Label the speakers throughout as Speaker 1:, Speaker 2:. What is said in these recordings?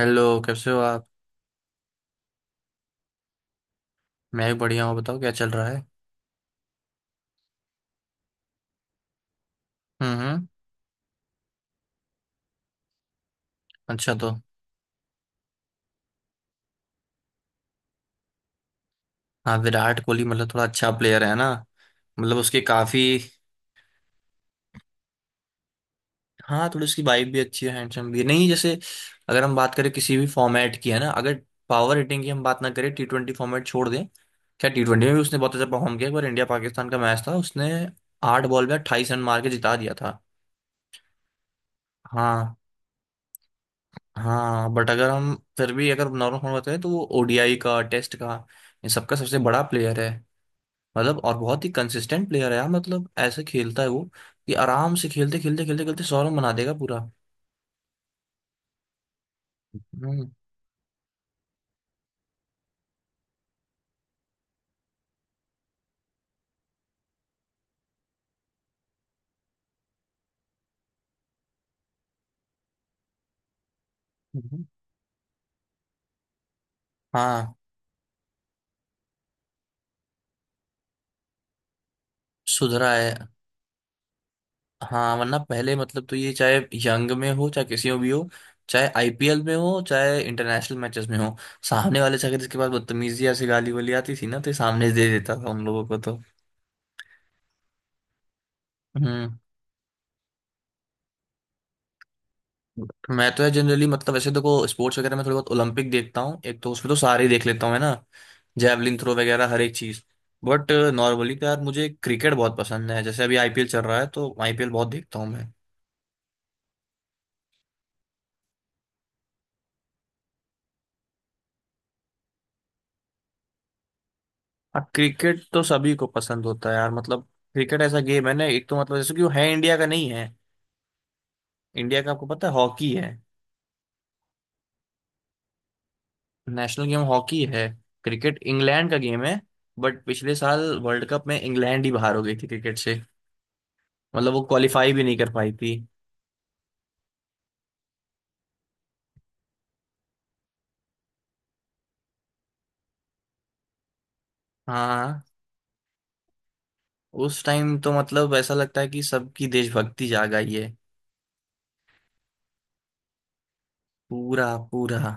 Speaker 1: Hello, कैसे हो आप। मैं भी बढ़िया हूँ, बताओ क्या चल रहा है। हम्म, हम्म। अच्छा। तो हाँ, विराट कोहली मतलब थोड़ा अच्छा प्लेयर है ना। मतलब उसके काफी। हाँ, थोड़ी उसकी वाइफ भी अच्छी है, हैंडसम भी है। नहीं, जैसे अगर हम बात करें किसी भी फॉर्मेट की, है ना? अगर पावर हिटिंग की हम बात ना करें, टी ट्वेंटी फॉर्मेट छोड़ दें, क्या टी ट्वेंटी में भी उसने बहुत अच्छा परफॉर्म किया। एक बार इंडिया पाकिस्तान का मैच था, उसने 8 बॉल में 28 रन मार के जिता दिया था। हाँ। हाँ, बट अगर हम फिर भी अगर नॉर्मल फॉर्म बताएं तो वो ओडीआई का, टेस्ट का, इन सबका सबसे बड़ा प्लेयर है। मतलब और बहुत ही कंसिस्टेंट प्लेयर है यार। मतलब ऐसे खेलता है वो कि आराम से खेलते खेलते खेलते खेलते 100 रन बना देगा पूरा। हम्म। हम्म। हाँ, सुधरा है। हाँ, वरना पहले मतलब तो ये चाहे यंग में हो, चाहे किसी में भी हो, चाहे आईपीएल में हो, चाहे इंटरनेशनल मैचेस में हो, सामने वाले से अगर इसके पास बदतमीजी या से गाली वाली आती थी ना तो ये सामने से दे देता था उन लोगों को तो। हम्म। मैं तो जनरली मतलब वैसे देखो स्पोर्ट्स वगैरह में थोड़ी बहुत ओलंपिक देखता हूँ। एक तो उसमें तो सारे ही देख लेता हूँ, है ना? जैवलिन थ्रो वगैरह हर एक चीज। बट नॉर्मली तो यार मुझे क्रिकेट बहुत पसंद है। जैसे अभी आईपीएल चल रहा है तो आईपीएल बहुत देखता हूँ मैं। हाँ, क्रिकेट तो सभी को पसंद होता है यार मतलब। क्रिकेट ऐसा गेम है ना, एक तो मतलब जैसे कि वो है, इंडिया का नहीं है। इंडिया का आपको पता है हॉकी है। नेशनल गेम हॉकी है। क्रिकेट इंग्लैंड का गेम है। बट पिछले साल वर्ल्ड कप में इंग्लैंड ही बाहर हो गई थी क्रिकेट से। मतलब वो क्वालिफाई भी नहीं कर पाई थी। हाँ, उस टाइम तो मतलब ऐसा लगता है कि सबकी देशभक्ति जाग आई है। पूरा। पूरा।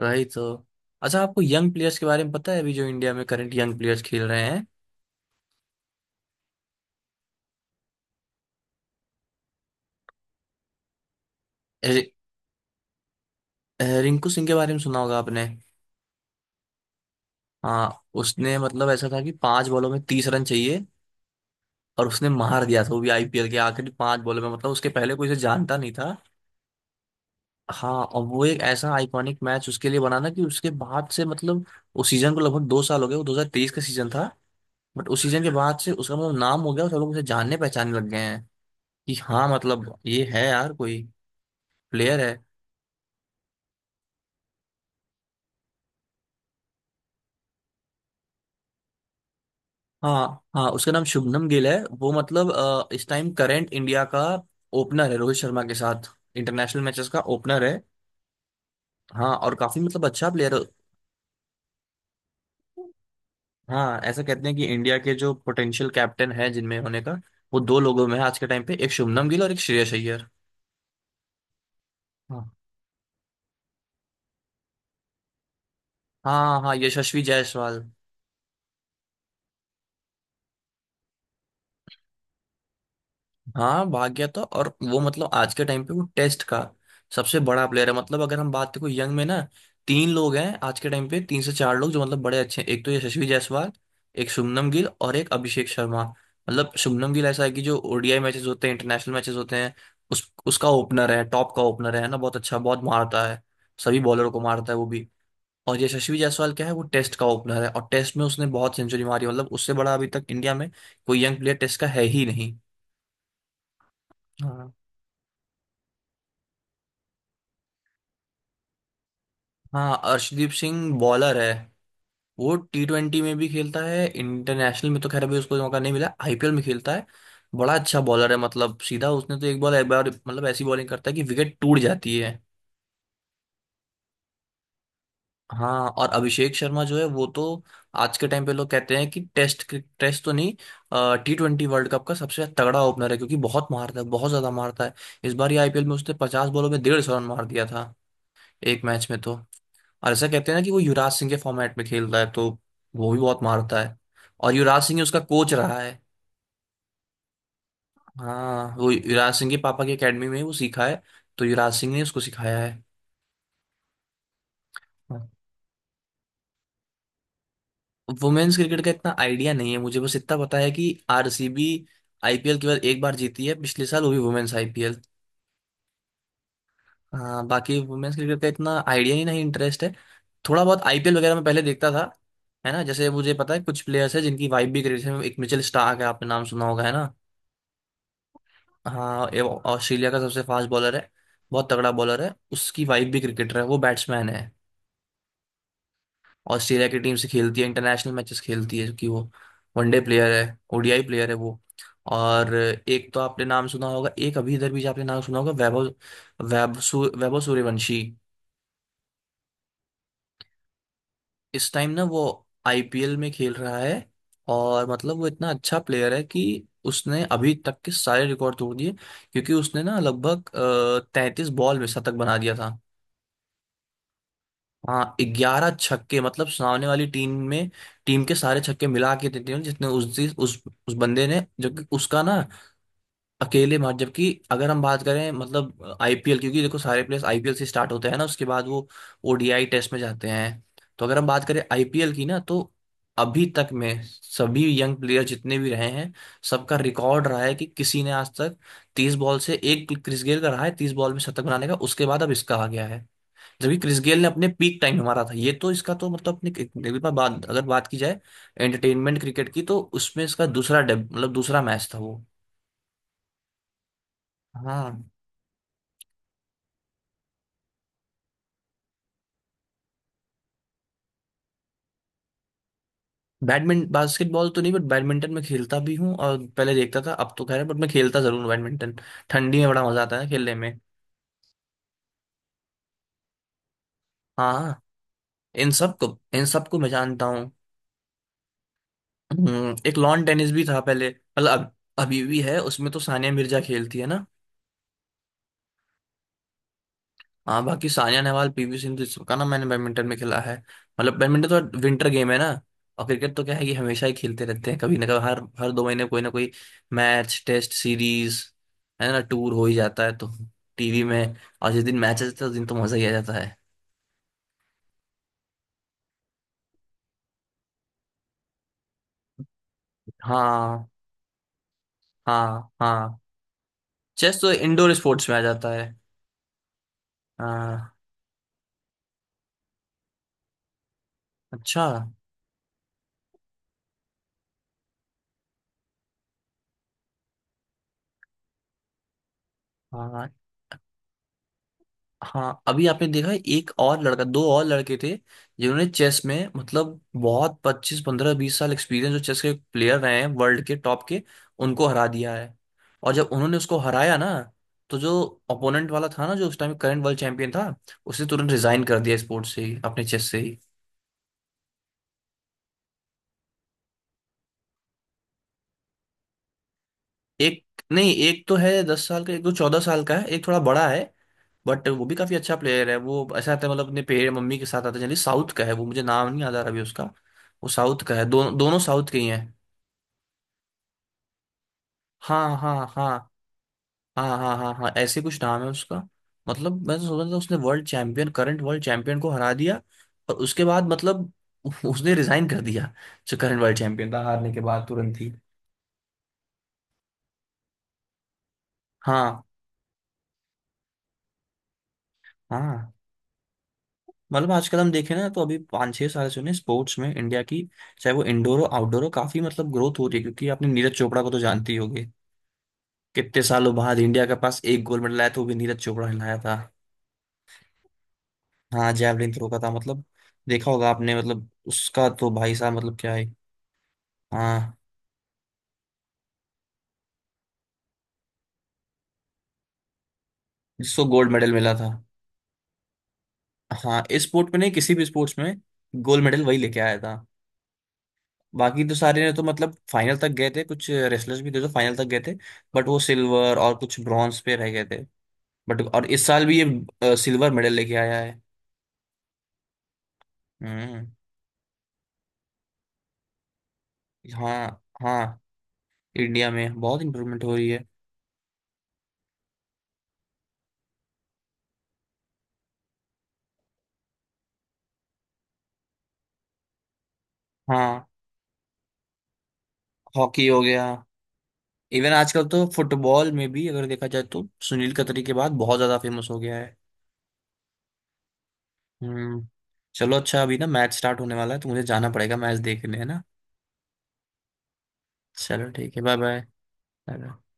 Speaker 1: राइट। तो अच्छा, आपको यंग प्लेयर्स के बारे में पता है अभी जो इंडिया में करंट यंग प्लेयर्स खेल रहे हैं? ए- रिंकू सिंह के बारे में सुना होगा आपने। हाँ, उसने मतलब ऐसा था कि 5 बॉलों में 30 रन चाहिए और उसने मार दिया था, वो भी आईपीएल के आखिरी 5 बॉलों में। मतलब उसके पहले कोई उसे जानता नहीं था। हाँ, और वो एक ऐसा आइकॉनिक मैच उसके लिए बना ना, कि उसके बाद से मतलब उस सीजन को लगभग 2 साल हो गए, वो 2023 का सीजन था। बट उस सीजन के बाद से उसका मतलब नाम हो गया और सब लोग उसे जानने पहचानने लग गए हैं कि हाँ मतलब ये है यार कोई प्लेयर है। हाँ। हाँ, उसका नाम शुभनम गिल है। वो मतलब इस टाइम करंट इंडिया का ओपनर है रोहित शर्मा के साथ। इंटरनेशनल मैचेस का ओपनर है। हाँ, और काफी मतलब अच्छा प्लेयर है। हाँ, ऐसा कहते हैं कि इंडिया के जो पोटेंशियल कैप्टन है जिनमें होने का, वो 2 लोगों में है आज के टाइम पे, एक शुभनम गिल और एक श्रेयस अय्यर। हाँ। हाँ, हाँ, यशस्वी जायसवाल। हाँ, भाग गया था। और वो मतलब आज के टाइम पे वो टेस्ट का सबसे बड़ा प्लेयर है। मतलब अगर हम बात करें यंग में ना, 3 लोग हैं आज के टाइम पे, 3 से 4 लोग जो मतलब बड़े अच्छे हैं। एक तो यशस्वी जायसवाल, एक शुभमन गिल और एक अभिषेक शर्मा। मतलब शुभमन गिल ऐसा है कि जो ओडीआई मैचेस होते हैं, इंटरनेशनल मैचेस होते हैं, उस उसका ओपनर है, टॉप का ओपनर है ना। बहुत अच्छा, बहुत मारता है, सभी बॉलर को मारता है वो भी। और यशस्वी जायसवाल क्या है, वो टेस्ट का ओपनर है और टेस्ट में उसने बहुत सेंचुरी मारी। मतलब उससे बड़ा अभी तक इंडिया में कोई यंग प्लेयर टेस्ट का है ही नहीं। हाँ। हाँ, अर्शदीप सिंह बॉलर है। वो टी ट्वेंटी में भी खेलता है, इंटरनेशनल में तो खैर अभी उसको मौका नहीं मिला, आईपीएल में खेलता है। बड़ा अच्छा बॉलर है। मतलब सीधा उसने तो एक बॉल एक बार मतलब ऐसी बॉलिंग करता है कि विकेट टूट जाती है। हाँ, और अभिषेक शर्मा जो है, वो तो आज के टाइम पे लोग कहते हैं कि टेस्ट, टेस्ट तो नहीं, टी ट्वेंटी वर्ल्ड कप का सबसे तगड़ा ओपनर है क्योंकि बहुत मारता है, बहुत ज्यादा मारता है। इस बार ये आईपीएल में उसने 50 बॉलों में 150 रन मार दिया था एक मैच में तो। और ऐसा कहते हैं ना कि वो युवराज सिंह के फॉर्मेट में खेल रहा है, तो वो भी बहुत मारता है। और युवराज सिंह ही उसका कोच रहा है। हाँ, वो युवराज सिंह के पापा की अकेडमी में ही वो सीखा है। तो युवराज सिंह ने उसको सिखाया है। वुमेन्स क्रिकेट का इतना आइडिया नहीं है मुझे। बस इतना पता है कि आरसीबी आईपीएल केवल एक बार जीती है पिछले साल, वो भी वुमेन्स आईपीएल। हाँ, बाकी वुमेन्स क्रिकेट का इतना आइडिया ही नहीं, इंटरेस्ट है थोड़ा बहुत, आईपीएल वगैरह में पहले देखता था। है ना, जैसे मुझे पता है कुछ प्लेयर्स हैं जिनकी वाइफ भी क्रिकेट में, एक मिचेल स्टार्क है, आपने नाम सुना होगा, है ना? हाँ, ये ऑस्ट्रेलिया का सबसे फास्ट बॉलर है। बहुत तगड़ा बॉलर है, उसकी वाइफ भी क्रिकेटर है, वो बैट्समैन है। ऑस्ट्रेलिया की टीम से खेलती है, इंटरनेशनल मैचेस खेलती है। क्योंकि वो वनडे प्लेयर है, ओडीआई प्लेयर है वो। और एक तो आपने नाम सुना होगा, एक अभी इधर भी आपने नाम सुना होगा, वैभव, वैभव सूर्यवंशी। इस टाइम ना वो आईपीएल में खेल रहा है। और मतलब वो इतना अच्छा प्लेयर है कि उसने अभी तक के सारे रिकॉर्ड तोड़ दिए क्योंकि उसने ना लगभग 33 बॉल में शतक बना दिया था। हाँ, 11 छक्के। मतलब सामने वाली टीम में, टीम के सारे छक्के मिला के देते हैं जितने, उस दिन- उस बंदे ने, जबकि उसका ना अकेले मार। जबकि अगर हम बात करें मतलब आईपीएल, क्योंकि देखो सारे प्लेयर्स आईपीएल से स्टार्ट होते हैं ना, उसके बाद वो ओडीआई टेस्ट में जाते हैं। तो अगर हम बात करें आईपीएल की ना, तो अभी तक में सभी यंग प्लेयर जितने भी रहे हैं, सबका रिकॉर्ड रहा है कि किसी ने आज तक 30 बॉल से, एक क्रिस गेल का रहा है 30 बॉल में शतक बनाने का, उसके बाद अब इसका आ गया है। जबकि क्रिस गेल ने अपने पीक टाइम में मारा था, ये तो इसका तो मतलब अपने एक बार बात अगर बात की जाए एंटरटेनमेंट क्रिकेट की, तो उसमें इसका मतलब दूसरा मैच था वो। हाँ। बैडमिंटन बास्केटबॉल तो नहीं, बट बैडमिंटन में खेलता भी हूँ और पहले देखता था, अब तो खैर, बट मैं खेलता जरूर हूँ बैडमिंटन। ठंडी में बड़ा मजा आता है खेलने में। हाँ। हाँ, इन सबको, इन सबको मैं जानता हूँ। हम्म। एक लॉन टेनिस भी था पहले, मतलब अब अभी भी है, उसमें तो सानिया मिर्जा खेलती है ना। हाँ, बाकी सानिया नेहवाल, पीवी सिंधु, सबका ना मैंने बैडमिंटन में खेला है। मतलब बैडमिंटन तो विंटर गेम है ना। और क्रिकेट तो क्या है कि हमेशा ही खेलते रहते हैं कभी ना कभी, हर हर 2 महीने कोई ना कोई मैच, टेस्ट सीरीज, है ना, टूर हो ही जाता है, तो टीवी में। और जिस दिन मैच आता है उस दिन तो मजा ही आ जाता है। हाँ। हाँ। हाँ, चेस तो इंडोर स्पोर्ट्स में आ जाता है। हाँ। अच्छा। हाँ, हाँ, अभी आपने देखा एक और लड़का, दो और लड़के थे जिन्होंने चेस में मतलब बहुत पच्चीस पंद्रह बीस साल एक्सपीरियंस जो चेस के प्लेयर रहे हैं वर्ल्ड के टॉप के, उनको हरा दिया है। और जब उन्होंने उसको हराया ना, तो जो ओपोनेंट वाला था ना जो उस टाइम करंट वर्ल्ड चैंपियन था, उसने तुरंत रिजाइन कर दिया स्पोर्ट्स से ही, अपने चेस से ही। एक, नहीं, एक तो है 10 साल का, एक तो 14 साल का है, एक थोड़ा बड़ा है। बट वो भी काफी अच्छा प्लेयर है। वो ऐसा आता है मतलब अपने पेड़ मम्मी के साथ आता है जनरली, साउथ का है वो। मुझे नाम नहीं याद आ रहा अभी उसका। वो साउथ का है, दोनों साउथ के ही हैं। हाँ, हाँ, हाँ, हाँ, हाँ, हाँ, हाँ, ऐसे कुछ नाम है उसका। मतलब मैं तो सोच रहा था उसने world champion, current world champion को हरा दिया और उसके बाद मतलब उसने रिजाइन कर दिया, जो करंट वर्ल्ड चैंपियन था हारने के बाद तुरंत ही। हाँ। हाँ, मतलब आजकल हम देखें ना तो अभी पाँच छह साल से उन्हें स्पोर्ट्स में इंडिया की चाहे वो इंडोर हो आउटडोर हो, काफी मतलब ग्रोथ हो रही है। क्योंकि आपने नीरज चोपड़ा को तो जानती होगी, कितने सालों बाद इंडिया के पास एक गोल्ड मेडल आया था, वो भी नीरज चोपड़ा ने लाया था। हाँ, जैवलिन थ्रो का था। मतलब देखा होगा आपने, मतलब उसका तो भाई साहब मतलब क्या है। हाँ, जिसको गोल्ड मेडल मिला था। हाँ, इस स्पोर्ट में नहीं, किसी भी स्पोर्ट्स में गोल्ड मेडल वही लेके आया था। बाकी तो सारे ने तो मतलब फाइनल तक गए थे, कुछ रेसलर्स भी थे जो फाइनल तक गए थे, बट वो सिल्वर और कुछ ब्रॉन्ज पे रह गए थे। बट और इस साल भी ये सिल्वर मेडल लेके आया है। हम्म। हाँ। हाँ, इंडिया में बहुत इम्प्रूवमेंट हो रही है। हाँ, हॉकी हो गया। इवन आजकल तो फुटबॉल में भी अगर देखा जाए तो सुनील कतरी के बाद बहुत ज्यादा फेमस हो गया है। हम्म। चलो अच्छा, अभी ना मैच स्टार्ट होने वाला है तो मुझे जाना पड़ेगा मैच देखने, है ना। चलो ठीक है, बाय। बाय।